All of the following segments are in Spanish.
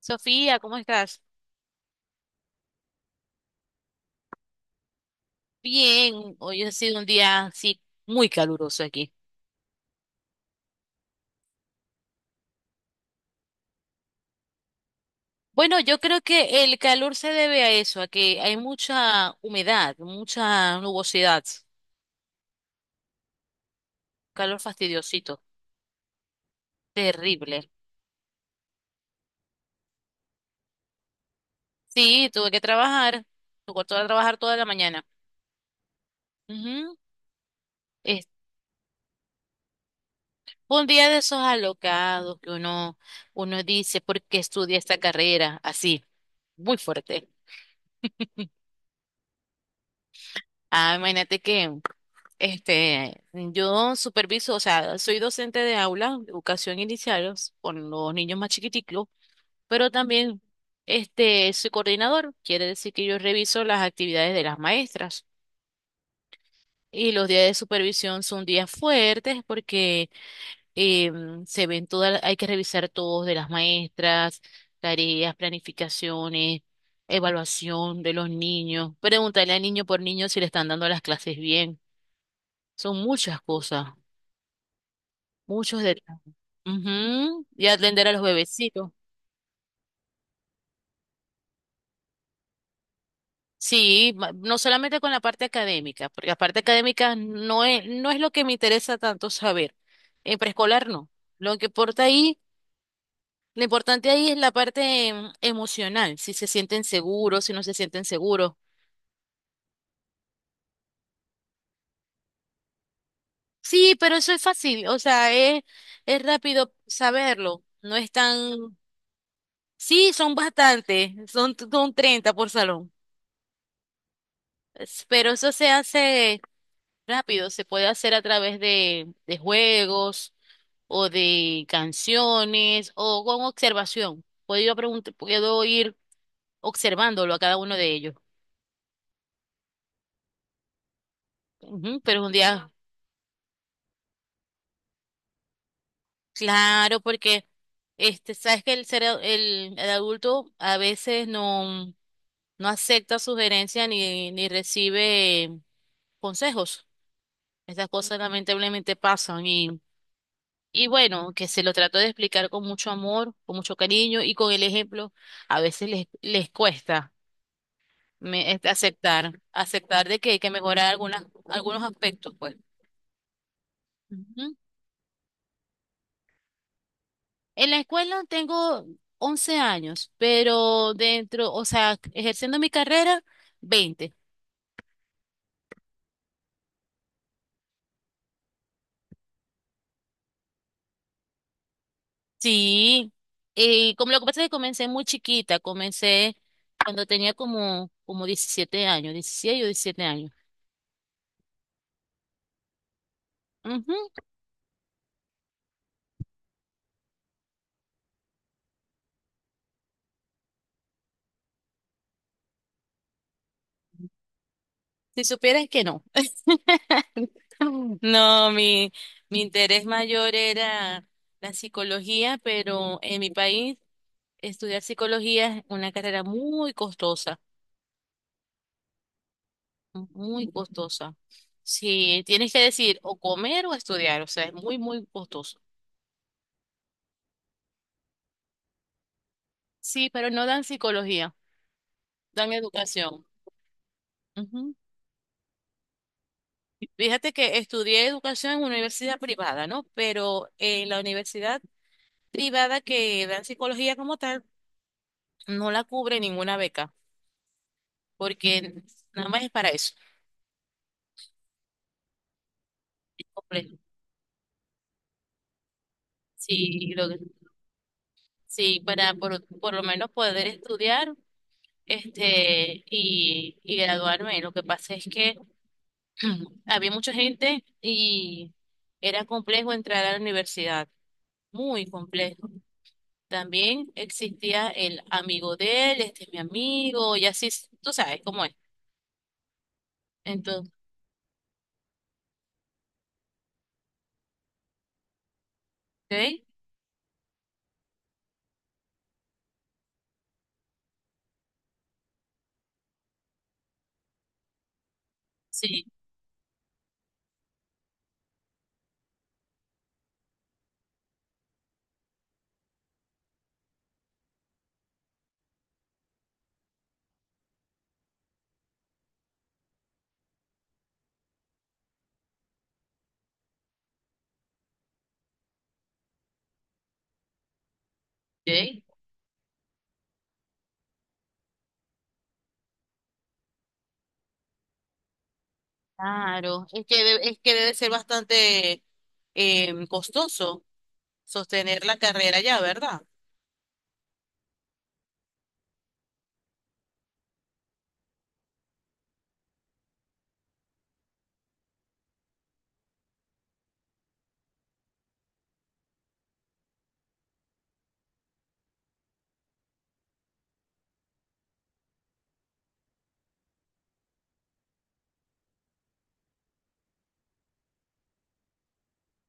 Sofía, ¿cómo estás? Bien, hoy ha sido un día sí muy caluroso aquí. Bueno, yo creo que el calor se debe a eso, a que hay mucha humedad, mucha nubosidad, calor fastidiosito, terrible. Sí, tuve que trabajar toda la mañana. Ujú. Es- Fue un día de esos alocados que uno dice, ¿por qué estudia esta carrera? Así, muy fuerte. Ah, imagínate que yo superviso, o sea, soy docente de aula, educación inicial con los niños más chiquiticos, pero también soy coordinador, quiere decir que yo reviso las actividades de las maestras. Y los días de supervisión son días fuertes porque se ven todas, hay que revisar todos de las maestras, tareas, planificaciones, evaluación de los niños, preguntarle al niño por niño si le están dando las clases bien, son muchas cosas, muchos detalles. Ujú. Y atender a los bebecitos. Sí, no solamente con la parte académica, porque la parte académica no es lo que me interesa tanto saber. En preescolar no. Lo que importa ahí, lo importante ahí es la parte emocional, si se sienten seguros, si no se sienten seguros. Sí, pero eso es fácil, o sea, es rápido saberlo. No es tan... Sí, son bastantes, son 30 por salón. Pero eso se hace rápido, se puede hacer a través de juegos o de canciones o con observación. Puedo ir observándolo a cada uno de ellos. Ujú, pero un día, claro, porque sabes que el adulto a veces no acepta sugerencias ni recibe consejos. Estas cosas, ujú, lamentablemente pasan. Y bueno, que se lo trato de explicar con mucho amor, con mucho cariño y con el ejemplo. A veces les cuesta aceptar de que hay que mejorar algunos aspectos, pues. Ujú. En la escuela tengo 11 años, pero dentro, o sea, ejerciendo mi carrera, 20. Sí, y como lo que pasa es que comencé muy chiquita, comencé cuando tenía como 17 años, 16 o 17 años. Ujú. Si supieras que no. No, mi interés mayor era la psicología, pero en mi país estudiar psicología es una carrera muy costosa, muy costosa. Sí, tienes que decir o comer o estudiar, o sea, es muy, muy costoso. Sí, pero no dan psicología, dan educación. Ujú. Fíjate que estudié educación en una universidad privada, ¿no? Pero en la universidad privada que dan psicología como tal, no la cubre ninguna beca. Porque nada más es para eso. Hombre, sí, lo, sí, para por lo menos poder estudiar y graduarme. Lo que pasa es que había mucha gente y era complejo entrar a la universidad, muy complejo. También existía el amigo de él, este es mi amigo, y así, tú sabes cómo es. Entonces, ¿ok? Sí, ¿ok? Claro, es que, es que debe ser bastante costoso sostener la carrera ya, ¿verdad?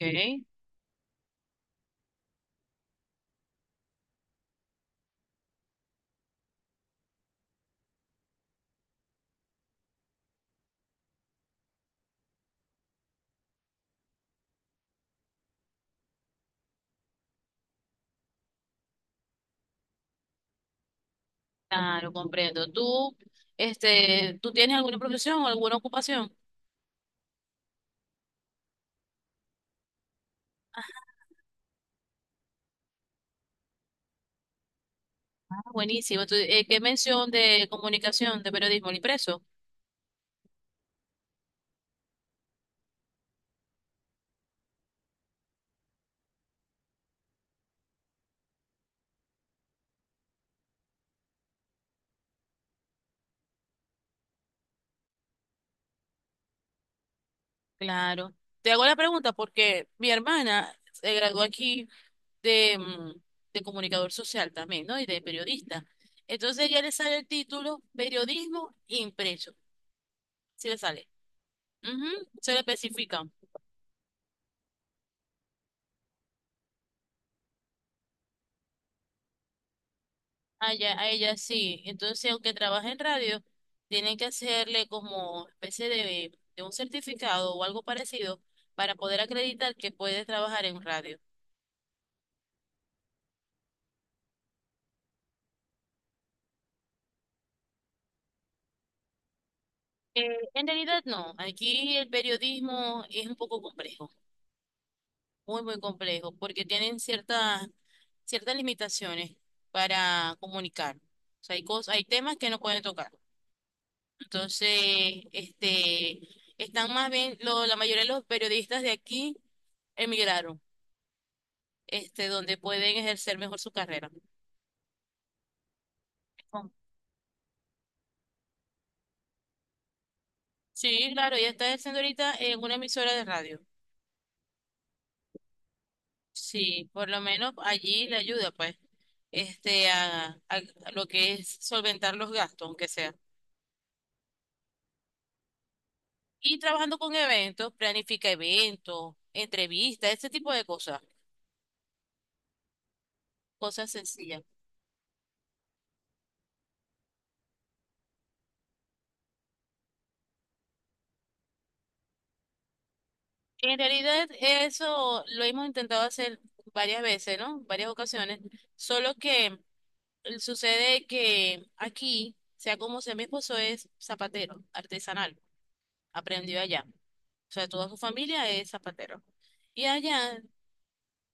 Ok. Claro, comprendo. ¿Tú tienes alguna profesión o alguna ocupación? Ah, buenísimo. Tú, ¿qué mención de comunicación, de periodismo, el impreso? Claro. Te hago la pregunta porque mi hermana se graduó aquí de, mm, de comunicador social también, ¿no? Y de periodista. Entonces ya le sale el título periodismo impreso. Sí le sale. Ujú. Se le especifica. A ella sí. Entonces, si aunque trabaje en radio, tienen que hacerle como especie de un certificado o algo parecido para poder acreditar que puede trabajar en radio. Eh, en realidad no, aquí el periodismo es un poco complejo, muy, muy complejo, porque tienen ciertas limitaciones para comunicar. O sea, hay cosas, hay temas que no pueden tocar. Entonces, este, están más bien, la mayoría de los periodistas de aquí emigraron, donde pueden ejercer mejor su carrera. Sí, claro, ella está ejerciendo ahorita en una emisora de radio. Sí, por lo menos allí le ayuda, pues, a lo que es solventar los gastos, aunque sea. Y trabajando con eventos, planifica eventos, entrevistas, este tipo de cosas, cosas sencillas. En realidad, eso lo hemos intentado hacer varias veces, ¿no? Varias ocasiones, solo que sucede que aquí, sea como sea, mi esposo es zapatero, artesanal, aprendió allá. O sea, toda su familia es zapatero. Y allá,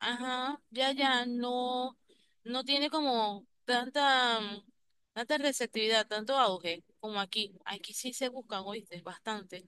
ajá, ya allá no tiene como tanta, mm, tanta receptividad, tanto auge como aquí. Aquí sí se buscan, oíste, bastante.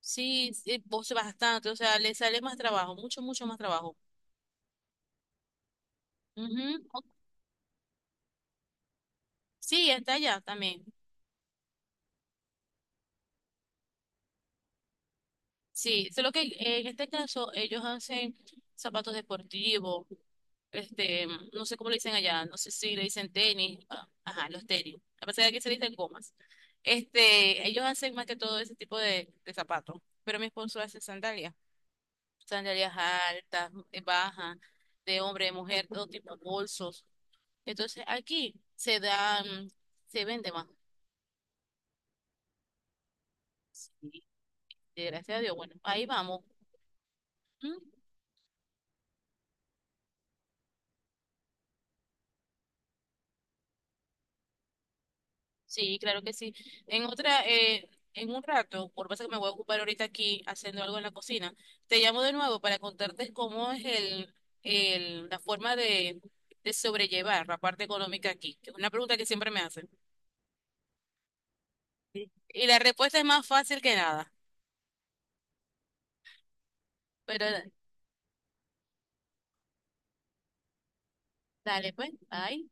Sí, sí, vos bastante, o sea, le sale más trabajo, mucho, mucho más trabajo. Ujú. Sí, está allá también. Sí, solo que en este caso ellos hacen zapatos deportivos, este, no sé cómo le dicen allá, no sé si le dicen tenis, ah, ajá, los tenis, a pesar de que se le dicen gomas. Ellos hacen más que todo ese tipo de zapatos, pero mi esposo hace sandalias, sandalias altas, bajas, de hombre, de mujer, todo tipo de bolsos. Entonces aquí se da, mm, se vende más. Sí, y gracias a Dios, bueno, ahí vamos. Sí, claro que sí. En otra, en un rato, por pasa que me voy a ocupar ahorita aquí haciendo algo en la cocina, te llamo de nuevo para contarte cómo es la forma de sobrellevar la parte económica aquí, que es una pregunta que siempre me hacen. Sí. Y la respuesta es más fácil que nada. Pero dale, pues, bye.